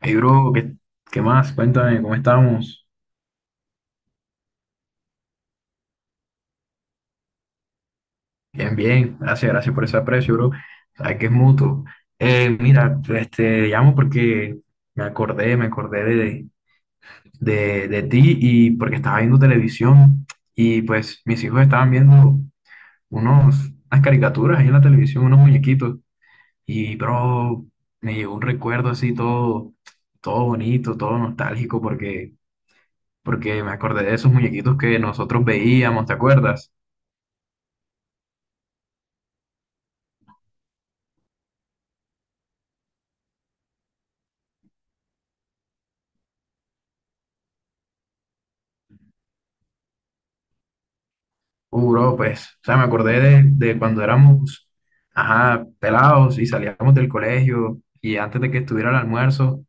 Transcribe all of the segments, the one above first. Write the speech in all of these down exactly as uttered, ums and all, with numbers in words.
Hey, bro, ¿qué, ¿qué más? Cuéntame, ¿cómo estamos? Bien, bien, gracias, gracias por ese aprecio, bro. Sabes que es mutuo. Eh, mira, este, te llamo porque me acordé, me acordé de, de, de ti y porque estaba viendo televisión y pues mis hijos estaban viendo unos, unas caricaturas ahí en la televisión, unos muñequitos y, bro, me llegó un recuerdo así todo, todo bonito, todo nostálgico porque, porque me acordé de esos muñequitos que nosotros veíamos, ¿te acuerdas? Uh, bro, pues, o sea, me acordé de, de cuando éramos, ajá, pelados y salíamos del colegio y antes de que estuviera el almuerzo,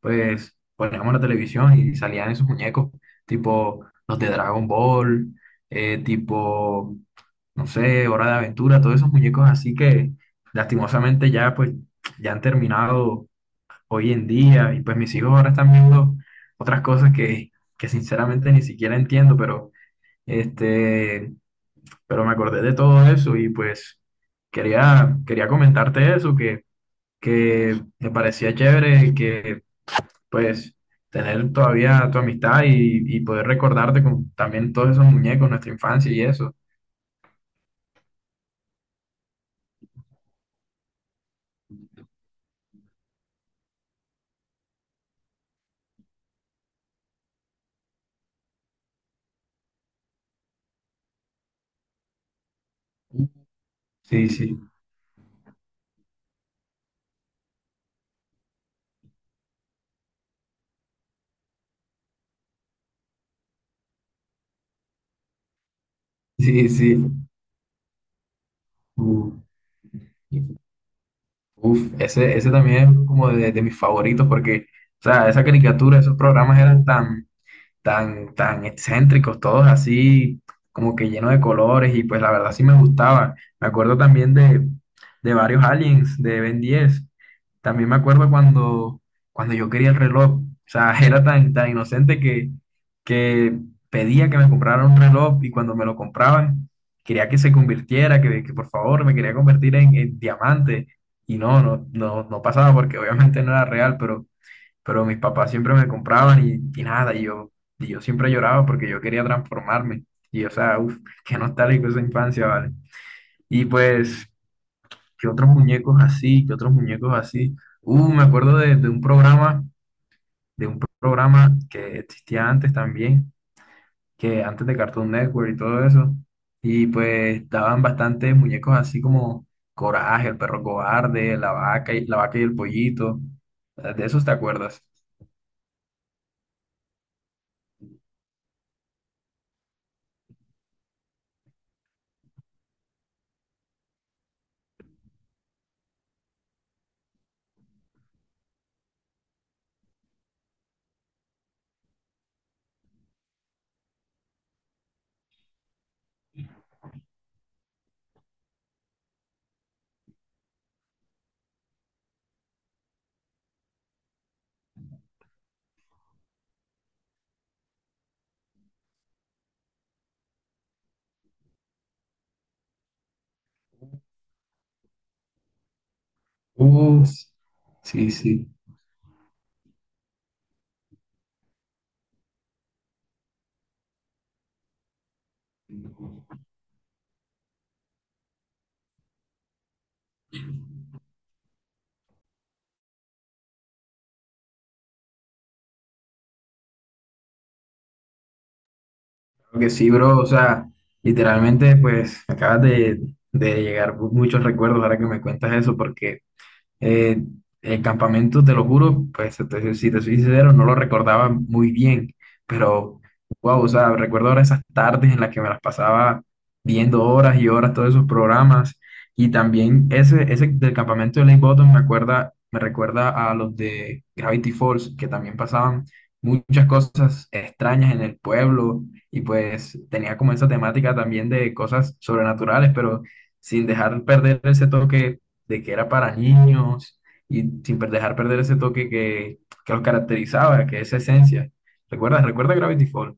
pues poníamos la televisión y salían esos muñecos, tipo los de Dragon Ball, eh, tipo, no sé, Hora de Aventura, todos esos muñecos así que lastimosamente ya, pues, ya han terminado hoy en día y pues mis hijos ahora están viendo otras cosas que, que sinceramente ni siquiera entiendo, pero este pero me acordé de todo eso y pues quería, quería comentarte eso, que, que me parecía chévere que pues tener todavía tu amistad y, y poder recordarte con también todos esos muñecos, nuestra infancia y eso. Sí, sí, sí, sí. Uf, uf, ese, ese también es como de, de mis favoritos porque, o sea, esa caricatura, esos programas eran tan tan, tan excéntricos, todos así como que llenos de colores y pues la verdad sí me gustaba. Me acuerdo también de, de varios aliens de Ben diez. También me acuerdo cuando, cuando yo quería el reloj. O sea, era tan, tan inocente que, que pedía que me compraran un reloj y cuando me lo compraban, quería que se convirtiera, que, que por favor me quería convertir en, en diamante. Y no, no, no, no pasaba porque obviamente no era real, pero pero mis papás siempre me compraban y, y nada, y yo, y yo siempre lloraba porque yo quería transformarme. Y o sea, uff, qué nostálgico esa infancia, ¿vale? Y pues, ¿qué otros muñecos así? ¿Qué otros muñecos así? Uh, me acuerdo de, de un programa, de un programa que existía antes también, que antes de Cartoon Network y todo eso. Y pues daban bastantes muñecos así como Coraje, el perro cobarde, la vaca y, la vaca y el pollito. ¿De esos te acuerdas? uh sí, sí. Creo que sí, bro. O sea, literalmente, pues, acabas de, de llegar muchos recuerdos ahora que me cuentas eso, porque Eh, el campamento, te lo juro, pues te- te- si te soy sincero, no lo recordaba muy bien, pero wow, o sea, recuerdo ahora esas tardes en las que me las pasaba viendo horas y horas todos esos programas y también ese, ese del campamento de Lake Bottom me acuerda, me recuerda a los de Gravity Falls, que también pasaban muchas cosas extrañas en el pueblo y pues tenía como esa temática también de cosas sobrenaturales, pero sin dejar perder ese toque de que era para niños y sin per- dejar perder ese toque que, que los caracterizaba, que esa esencia. ¿Recuerdas? ¿Recuerda Gravity Falls?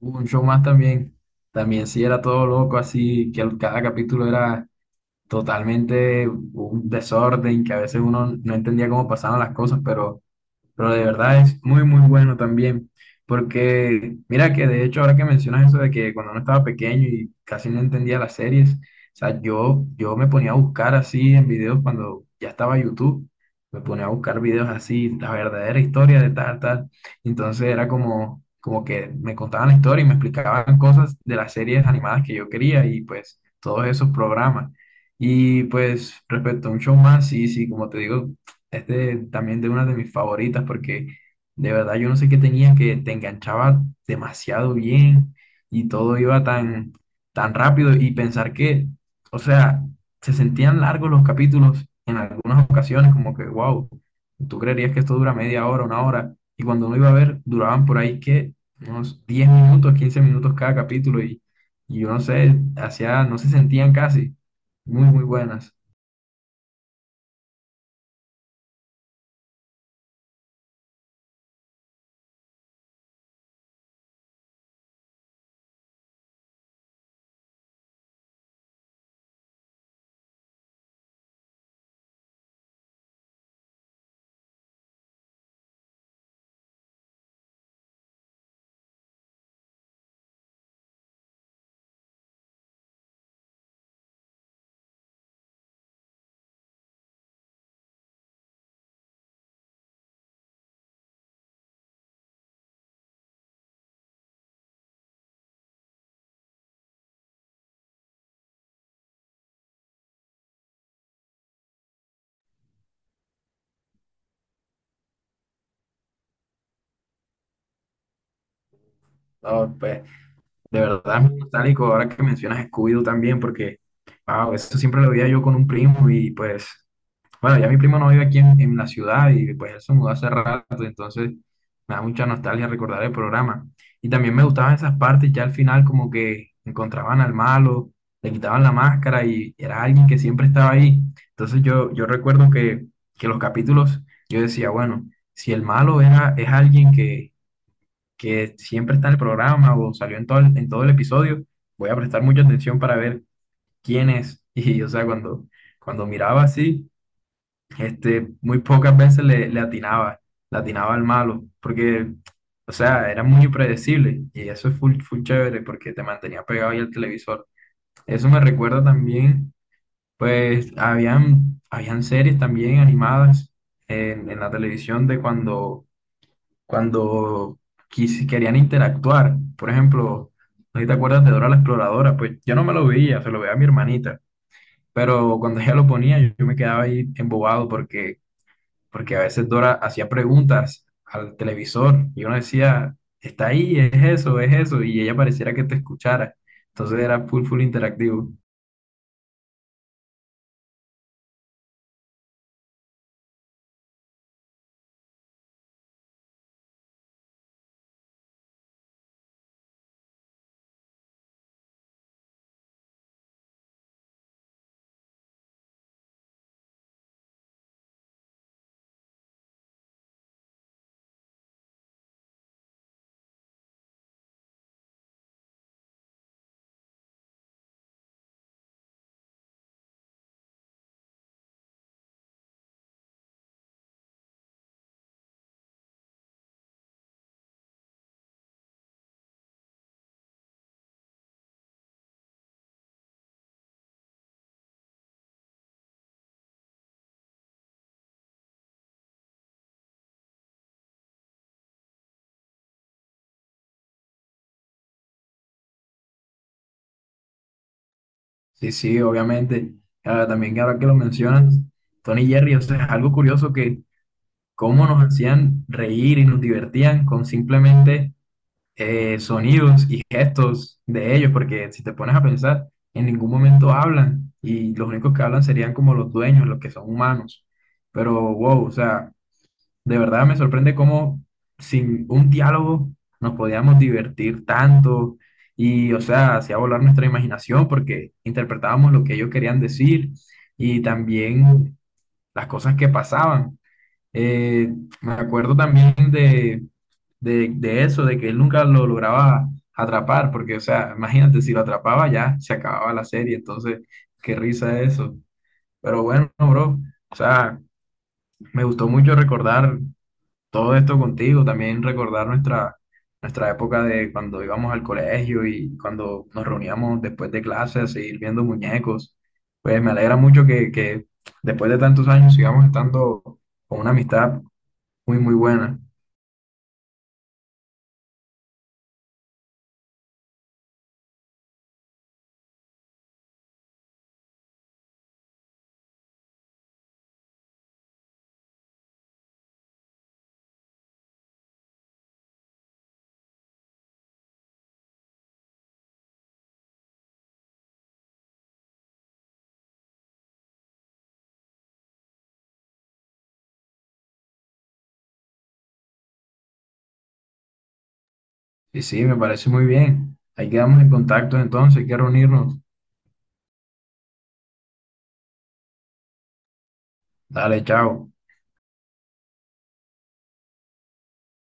Hubo un show más también. También sí era todo loco, así que al- cada capítulo era totalmente un desorden, que a veces uno no entendía cómo pasaban las cosas, pero pero de verdad es muy, muy bueno también. Porque mira que de hecho ahora que mencionas eso de que cuando uno estaba pequeño y casi no entendía las series, o sea, yo, yo me ponía a buscar así en videos cuando ya estaba YouTube, me ponía a buscar videos así, la verdadera historia de tal, tal. Entonces era como, como que me contaban la historia y me explicaban cosas de las series animadas que yo quería y pues todos esos programas. Y pues respecto a un show más, sí, sí, como te digo, es de- también de una de mis favoritas porque de verdad yo no sé qué tenía que te enganchaba demasiado bien y todo iba tan, tan rápido y pensar que, o sea, se sentían largos los capítulos en algunas ocasiones, como que, wow, tú creerías que esto dura media hora, una hora, y cuando uno iba a ver, duraban por ahí que unos diez minutos, quince minutos cada capítulo y, y yo no sé, hacía, no se sentían casi, muy, muy buenas. Ah, pues, de verdad es muy nostálgico ahora que mencionas Scooby-Doo también, porque, wow, eso siempre lo veía yo con un primo y pues, bueno, ya mi primo no vive aquí en, en la ciudad y pues él se mudó hace rato, entonces me da mucha nostalgia recordar el programa. Y también me gustaban esas partes, ya al final como que encontraban al malo, le quitaban la máscara y era alguien que siempre estaba ahí. Entonces yo, yo recuerdo que, que los capítulos, yo decía, bueno, si el malo era, es alguien que que siempre está en el programa o salió en todo el, en todo el episodio, voy a prestar mucha atención para ver quién es. Y, o sea, cuando, cuando miraba así, este, muy pocas veces le, le atinaba, le atinaba al malo, porque, o sea, era muy impredecible y eso es full, full chévere porque te mantenía pegado ahí al televisor. Eso me recuerda también, pues, habían, habían series también animadas en, en la televisión de cuando cuando quis- querían interactuar. Por ejemplo, no sé si te acuerdas de Dora la Exploradora, pues yo no me lo veía, se lo veía a mi hermanita, pero cuando ella lo ponía yo, yo me quedaba ahí embobado porque, porque a veces Dora hacía preguntas al televisor y uno decía, está ahí, es eso, es eso, y ella pareciera que te escuchara. Entonces era full, full interactivo. Sí, sí, obviamente. Ah, también ahora que lo mencionas, Tony Jerry, o sea, es algo curioso que cómo nos hacían reír y nos divertían con simplemente eh, sonidos y gestos de ellos, porque si te pones a pensar, en ningún momento hablan y los únicos que hablan serían como los dueños, los que son humanos. Pero wow, o sea, de verdad me sorprende cómo sin un diálogo nos podíamos divertir tanto y, o sea, hacía volar nuestra imaginación porque interpretábamos lo que ellos querían decir y también las cosas que pasaban. Eh, Me acuerdo también de, de, de eso, de que él nunca lo lograba atrapar, porque, o sea, imagínate, si lo atrapaba ya se acababa la serie, entonces, qué risa eso. Pero bueno, bro, o sea, me gustó mucho recordar todo esto contigo, también recordar nuestra, nuestra época de cuando íbamos al colegio y cuando nos reuníamos después de clases a seguir viendo muñecos. Pues me alegra mucho que, que después de tantos años sigamos estando con una amistad muy, muy buena. Y sí, me parece muy bien. Ahí quedamos en contacto entonces, hay que reunirnos. Dale, chao.